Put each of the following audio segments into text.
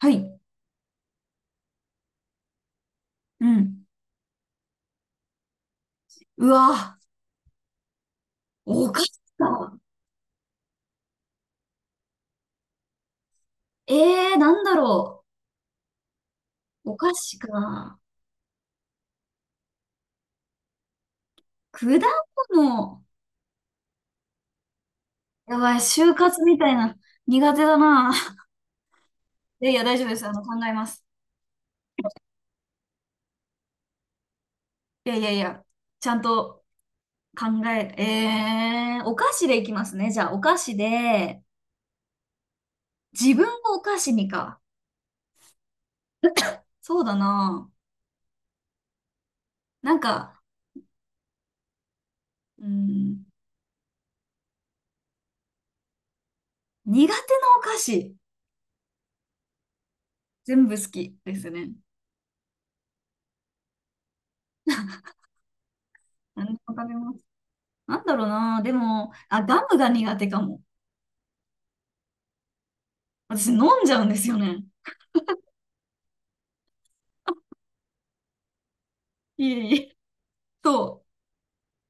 はい。うん。うわ、お菓子か。ええー、なんだろう。お菓子か。果物。やばい、就活みたいな。苦手だな。いやいや、大丈夫です。考えます。いやいやいや、ちゃんと考え、えー、お菓子でいきますね。じゃあ、お菓子で、自分をお菓子にか。そうだな。なんか、うん、苦手なお菓子。全部好きですね。何でも食べます。なんだろうな。でも、あ、ガムが苦手かも。私飲んじゃうんですよね。いえいえ。そ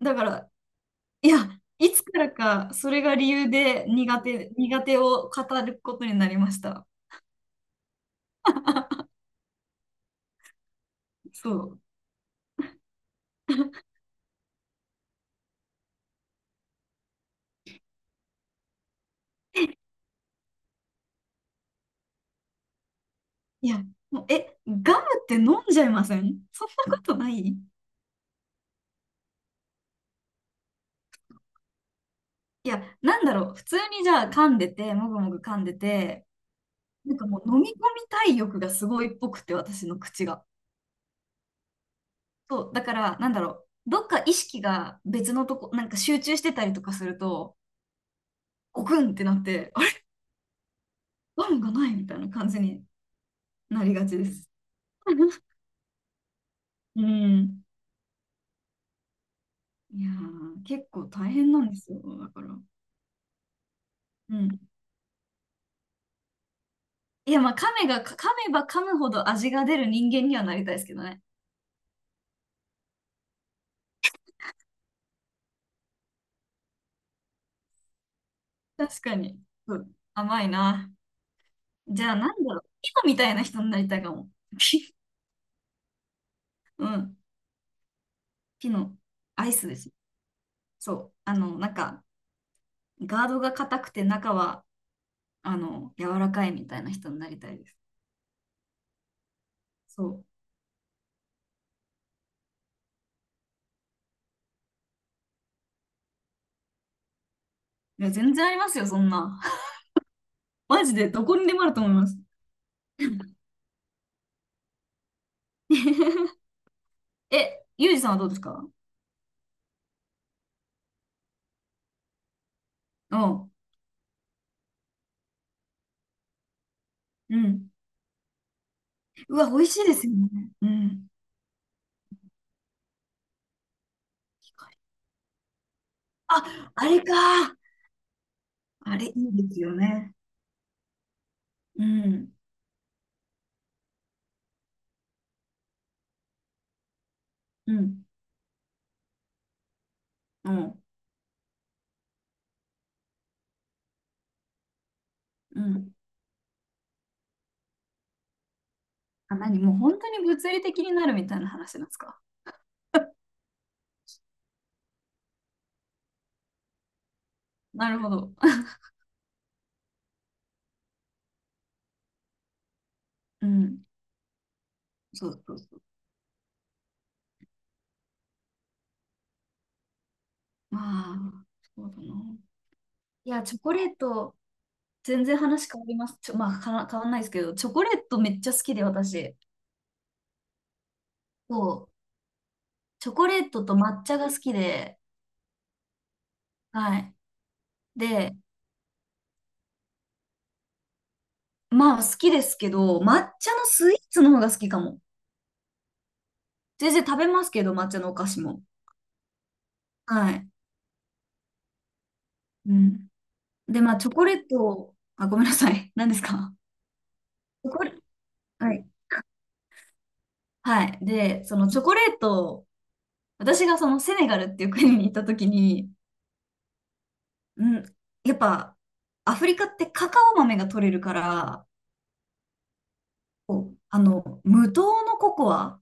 う。だから、いや、いつからかそれが理由で苦手、苦手を語ることになりました。そう。いや、もう、ガムって飲んじゃいませんそんなことないいや、なんだろう。普通にじゃあ噛んでて、もぐもぐ噛んでて、なんかもう飲み込みたい欲がすごいっぽくて、私の口が。そう、だから、なんだろう、どっか意識が別のとこ、なんか集中してたりとかすると、ゴクンってなって、あれ、ガムがないみたいな感じになりがちです。うん。いやー、結構大変なんですよ、だから。うん。いや、まあ、噛めば噛むほど味が出る人間にはなりたいですけどね。確かに。うん甘いな。じゃあ、なんだろう、ピノみたいな人になりたいかも。ピ、うん。ピノ、アイスです。そう。なんか、ガードが硬くて中は柔らかいみたいな人になりたいです。そう。いや、全然ありますよ、そんな マジで、どこにでもあると思います。え、ゆうじさんはどうですか？うん。うん。うわ、美味しいですよね。うん。あ、あれか。あれ、いいですよね。うん。うん。うん。うん。あ、何もう本当に物理的になるみたいな話なんですか？なるほど。うん。そうそうそう。まあ、そうだな。いや、チョコレート、全然話変わります。まあ、かな変わんないですけど、チョコレートめっちゃ好きで、私。そう。チョコレートと抹茶が好きで、はい。で、まあ、好きですけど、抹茶のスイーツの方が好きかも。全然食べますけど、抹茶のお菓子も。はい。うん。で、まあ、チョコレート、あ、ごめんなさい。何ですか？チョコレ、はい。はい。で、そのチョコレート、私がそのセネガルっていう国に行った時に、うん、やっぱ、アフリカってカカオ豆が取れるから、そう、無糖のココア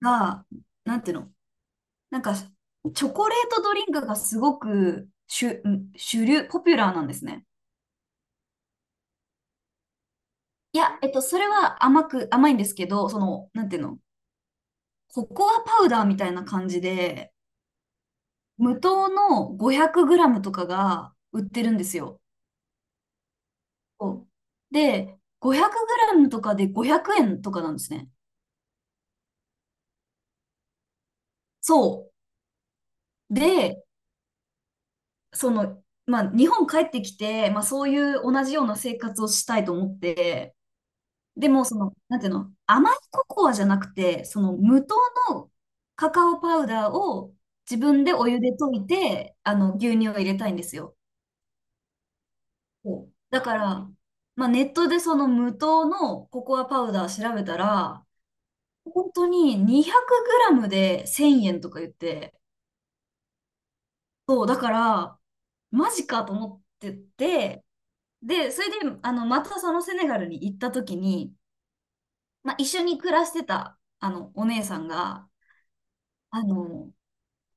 が、なんていうの、なんか、チョコレートドリンクがすごく主流、ポピュラーなんですね。いや、それは甘いんですけど、その、なんていうの、ココアパウダーみたいな感じで、無糖の500グラムとかが売ってるんですよ。そうで、500グラムとかで500円とかなんですね。そう。で、その、まあ、日本帰ってきて、まあ、そういう同じような生活をしたいと思って、でも、その、なんていうの、甘いココアじゃなくて、その無糖のカカオパウダーを自分でお湯で溶いて、牛乳を入れたいんですよ。そうだから、まあ、ネットでその無糖のココアパウダー調べたら、本当に2 0 0ムで1000円とか言って、そう、だから、マジかと思ってて、で、それで、またそのセネガルに行った時に、まあ、一緒に暮らしてた、お姉さんが、あの、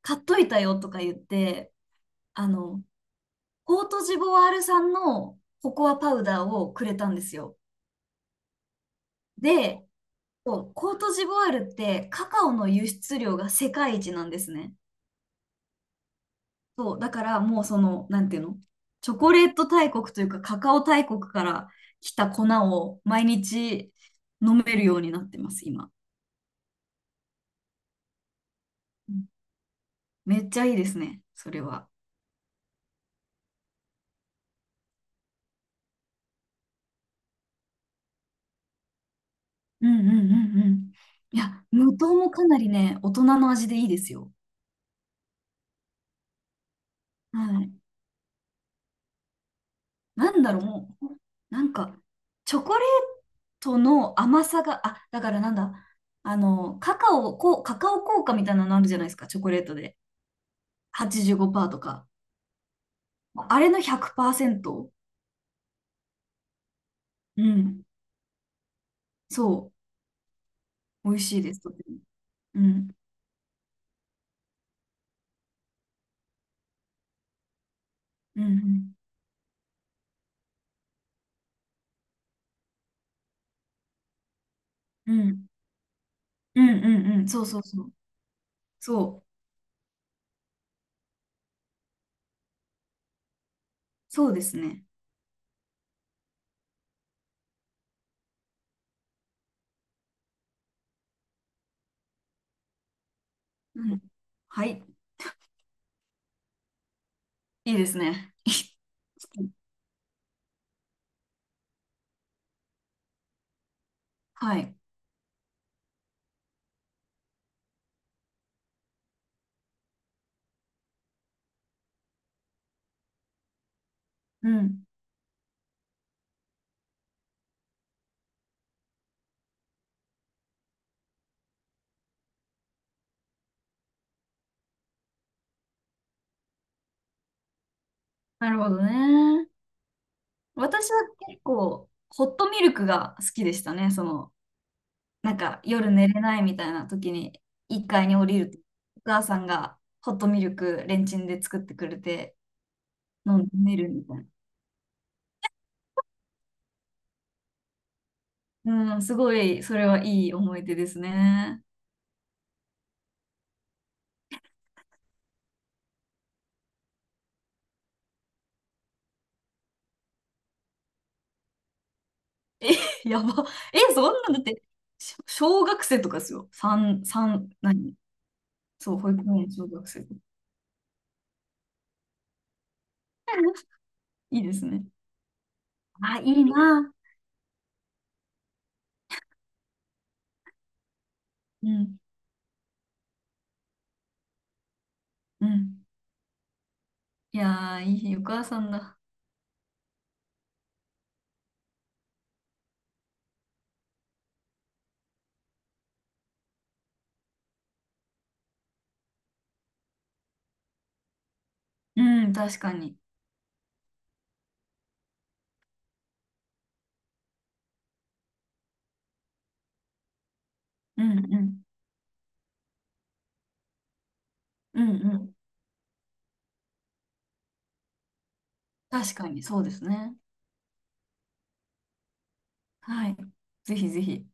買っといたよとか言って、あの、コートジボワール産のココアパウダーをくれたんですよ。で、そうコートジボワールってカカオの輸出量が世界一なんですね。そう、だからもうその、なんていうの、チョコレート大国というかカカオ大国から来た粉を毎日飲めるようになってます、今。めっちゃいいですね、それは。うんうんうんうん。いや、無糖もかなりね、大人の味でいいですよ。はい。なんだろう、もう、なんか、チョコレートの甘さが、あ、だからなんだ、カカオ効果みたいなのあるじゃないですか、チョコレートで。85%とか。あれの100%、うん。そう、美味しいです、とても。うん。うんうんうんうんうんうん。そうそうそう。そう、そうですね。うん。はい。いいですね。はい。うん。なるほどね。私は結構、ホットミルクが好きでしたね。その、なんか夜寝れないみたいな時に、1階に降りると、お母さんがホットミルクレンチンで作ってくれて、飲んで寝るみたいな。うん、すごい、それはいい思い出ですね。え、やば。え、そんなのだって、小学生とかですよ。三三何そう、保育園、小学生。いいですね。あ、いいな。うん。うん。いやー、いいお母さんだ。うん、確かに。うんうん。うんうん。確かに、そうですね。はい。ぜひぜひ。